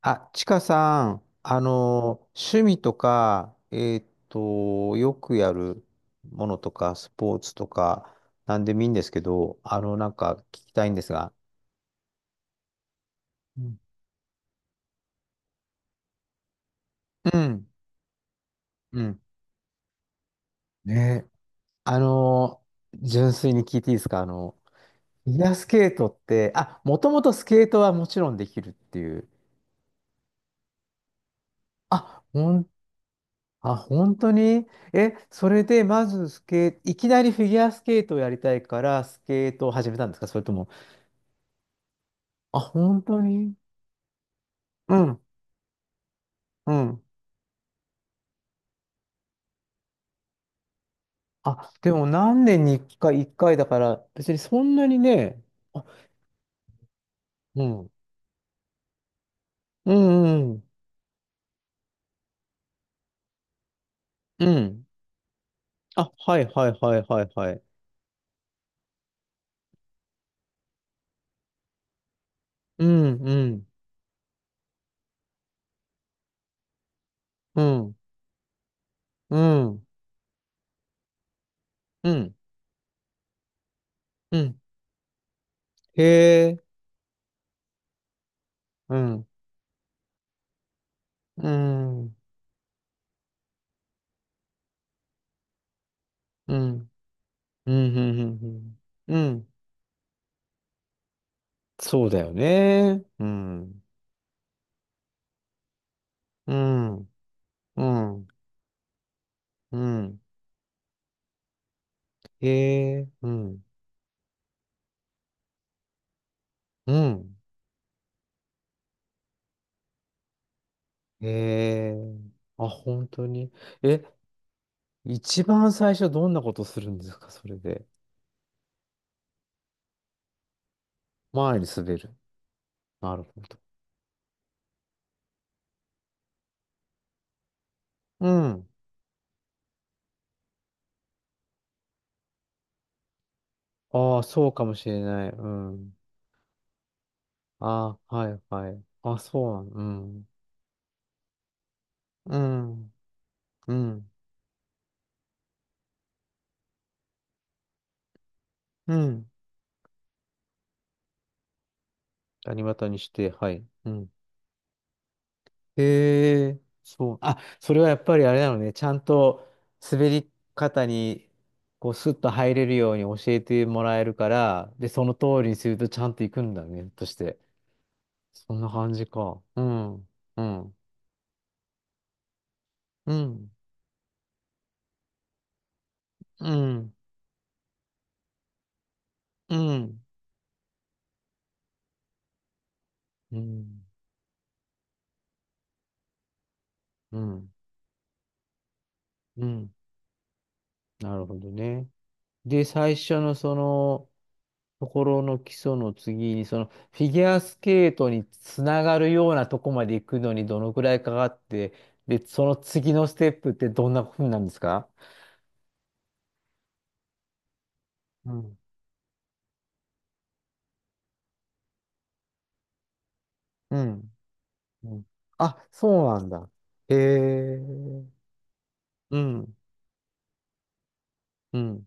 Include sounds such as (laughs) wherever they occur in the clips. あ、ちかさん、趣味とか、よくやるものとか、スポーツとか、なんでもいいんですけど、なんか聞きたいんですが。うんうん、うん。ねえ、あの、純粋に聞いていいですか？フィギュアスケートって、あ、もともとスケートはもちろんできるっていう。あ、ほん、あ、本当に。え、それでまずスケ、いきなりフィギュアスケートをやりたいから、スケートを始めたんですか？それとも、あ、本当に。うん、うん。あ、でも何年に一回、一回だから、別にそんなにね。あ、うん、うん、うん、うん。あ、はいはいはいはいはい。うん、うん、うん、うん、うん、うん。へえ。うん、うん、うん、うん、うん、うん、うん。うんそうだよね。うん、うん、うん、うん。へえ。うん、うん。ええあ、本当に。え、一番最初どんなことするんですか、それで？前に滑る。なるほど。うん。ああ、そうかもしれない。うん。ああ、はいはい。あ、そうなん。ん。うん。うん。谷股にして、はい。うん。へえ、そう。あ、それはやっぱりあれなのね。ちゃんと滑り方に、こう、スッと入れるように教えてもらえるから、で、その通りにするとちゃんと行くんだね、として。そんな感じか。うん、うん、うん、うん、うん、うん、うん、うん。なるほどね。で、最初のその、ところの基礎の次に、その、フィギュアスケートにつながるようなとこまで行くのにどのくらいかかって、で、その次のステップってどんなふうなんですか？うん、うん、うん。あ、そうなんだ。へえ。うん、うん。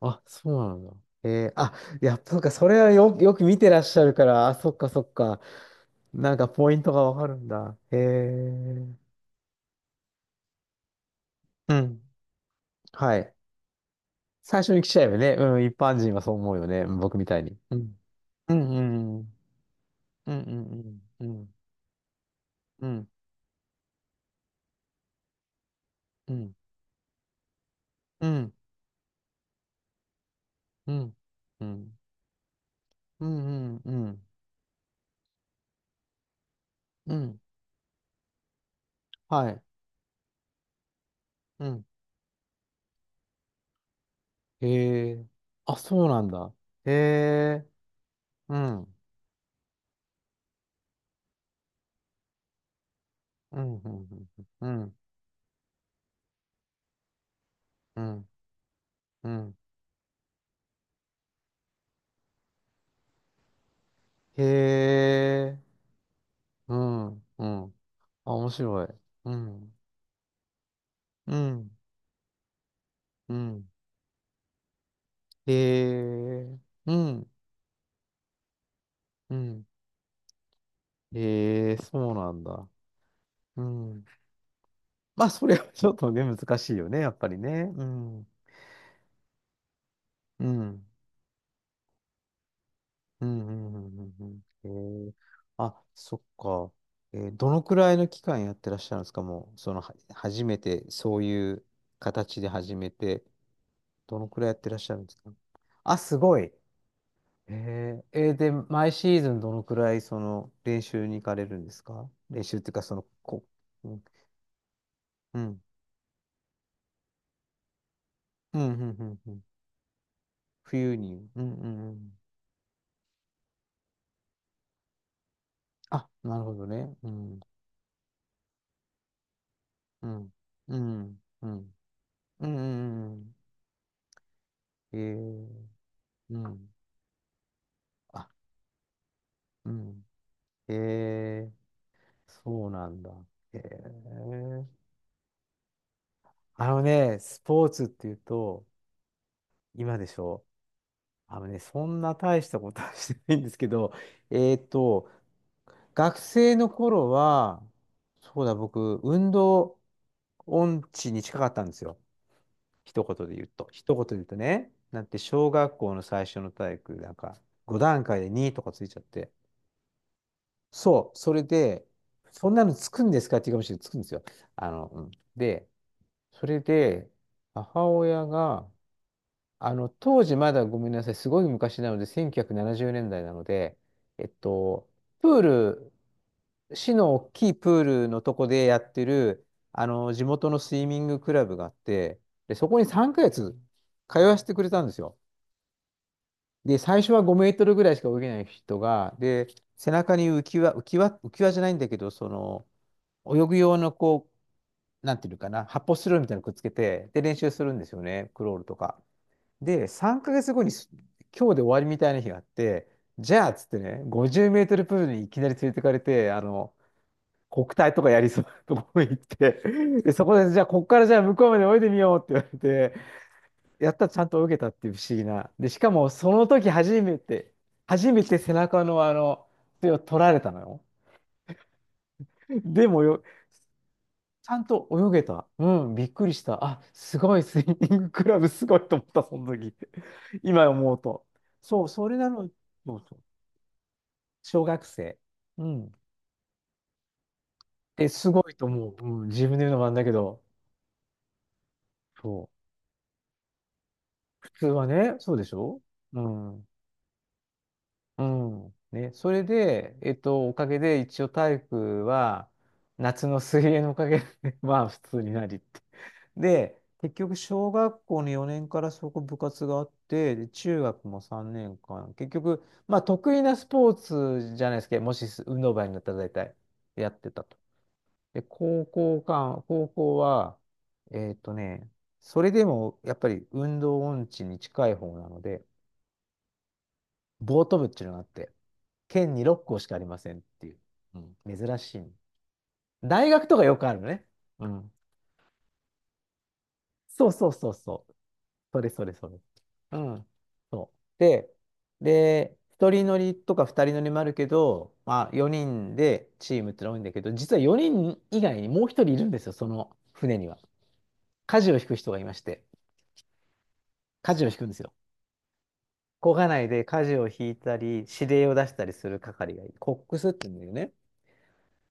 あ、そうなんだ。えー、あ、いや、そうか、それはよ、よく見てらっしゃるから、あ、そっかそっか。なんかポイントがわかるんだ。うん。はい。最初に来ちゃえばね、一般人はそう思うよね。うん僕みたいに。うん。うんうんうんうんうんうんうんうんうんうんうんうんうんうんはいうんへえあそうなんだへえうんうんうんうんうんうんへえ、うん、うん。あ、面白い。うん、うん、うん。へえ、うん、うん。へえ、そうなんだ。うん。まあ、それはちょっとね、難しいよね、やっぱりね。うん、うん、うん、うん。うんうんへえ、あ、そっか。えーどのくらいの期間やってらっしゃるんですか？もう、その、は、初めて、そういう形で始めて、どのくらいやってらっしゃるんですか？あ、すごい。えー、えーで、毎シーズンどのくらいその練習に行かれるんですか？練習っていうか、その、こう、うん、うん、うん、うんうん冬に、あ、なるほどね。うん、うん、うん、うん、うん、うん、うんえー、うん、あ、うん、えー、そうなんだ。えー、あのね、スポーツっていうと、今でしょ？あのね、そんな大したことはしてないんですけど、えーと、学生の頃は、そうだ、僕、運動音痴に近かったんですよ。一言で言うと。一言で言うとね。なんて、小学校の最初の体育、なんか、5段階で2とかついちゃって。そう、それで、そんなのつくんですかって言うかもしれない。つくんですよ。あの、うん。で、それで、母親が、あの、当時まだごめんなさい、すごい昔なので、1970年代ななじゅうねんだいなので、えっと、プール市の大きいプールのとこでやってる、あの、地元のスイミングクラブがあって、で、そこに3ヶ月通わせてくれたんですよ。で、最初は5メートルぐらいしか泳げない人が、で、背中に浮き輪、浮き輪、浮き輪じゃないんだけど、その、泳ぐ用のこう、なんていうのかな、発泡スチロールみたいなのくっつけて、で、練習するんですよね、クロールとか。で、3ヶ月後にす、今日で終わりみたいな日があって、じゃあ、っつってね、50メートルプールにいきなり連れてかれて、あの、国体とかやりそうなところに行って、(laughs) で、そこで、じゃあ、こっからじゃあ、向こうまで泳いでみようって言われて、やったらちゃんと泳げたっていう不思議な。で、しかも、その時初めて、初めて背中のあの、手を取られたのよ。でもよ、ちゃんと泳げた。うん、びっくりした。あ、すごい、スイミングクラブすごいと思った、その時。今思うと。そう、それなのに、そうそう、小学生。うん。で、すごいと思う。うん、自分で言うのもなんだけど、そう。普通はね、そうでしょ？うん。うん。ね。それで、えっと、おかげで一応体育は、夏の水泳のおかげで (laughs) まあ普通になりって。で、結局、小学校の4年からそこ部活があって、で中学も3年間、結局、まあ得意なスポーツじゃないですけど、もし運動部になったら大体やってたと。で、高校間、高校は、えっとね、それでもやっぱり運動音痴に近い方なので、ボート部っていうのがあって、県に6校しかありませんっていう。うん、珍しい。大学とかよくあるのね。うん。そうそうそうそう。それそれそれ。うん。そう。で、で、一人乗りとか二人乗りもあるけど、まあ4人でチームってのが多いんだけど、実は4人以外にもう一人いるんですよ、その船には。舵を引く人がいまして、舵を引くんですよ。漕がないで舵を引いたり、指令を出したりする係がいる。コックスって言うんだよね。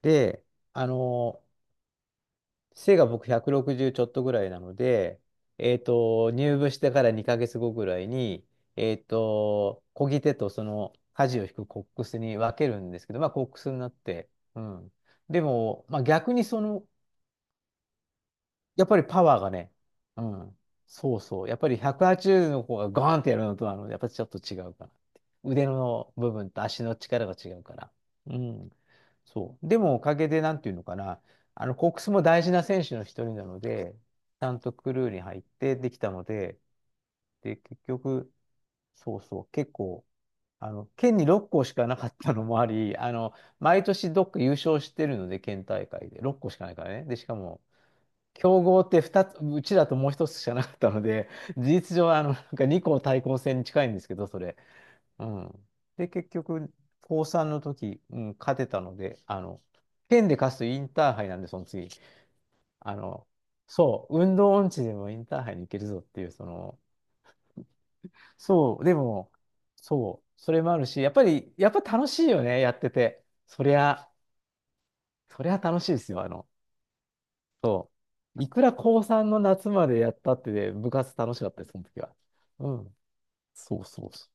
で、あの背が僕160ちょっとぐらいなので、えっと、入部してから2ヶ月後ぐらいに、えっと、漕ぎ手とその舵を引くコックスに分けるんですけど、まあコックスになって、うん。でも、まあ逆にその、やっぱりパワーがね、うん。そうそう。やっぱり180の子がガーンってやるのとは、あの、やっぱりちょっと違うかなって。腕の部分と足の力が違うから。うん。そう。でもおかげで、なんていうのかな、あの、コックスも大事な選手の一人なので、ちゃんとクルーに入ってできたので、で、結局、そうそう、結構、あの、県に6校しかなかったのもあり、あの、毎年どっか優勝してるので、県大会で、6校しかないからね。で、しかも、強豪って2つ、うちだともう一つしかなかったので、事実上、あの、なんか2校対抗戦に近いんですけど、それ。うん。で、結局、高3の時、うん、勝てたので、あの、県で勝つとインターハイなんで、その次、あの、そう、運動音痴でもインターハイに行けるぞっていう、その、そう、でも、そう、それもあるし、やっぱり、やっぱ楽しいよね、やってて。そりゃ、そりゃ楽しいですよ、あの、そう。いくら高3の夏までやったってね、部活楽しかったです、その時は。うん。そうそうそう。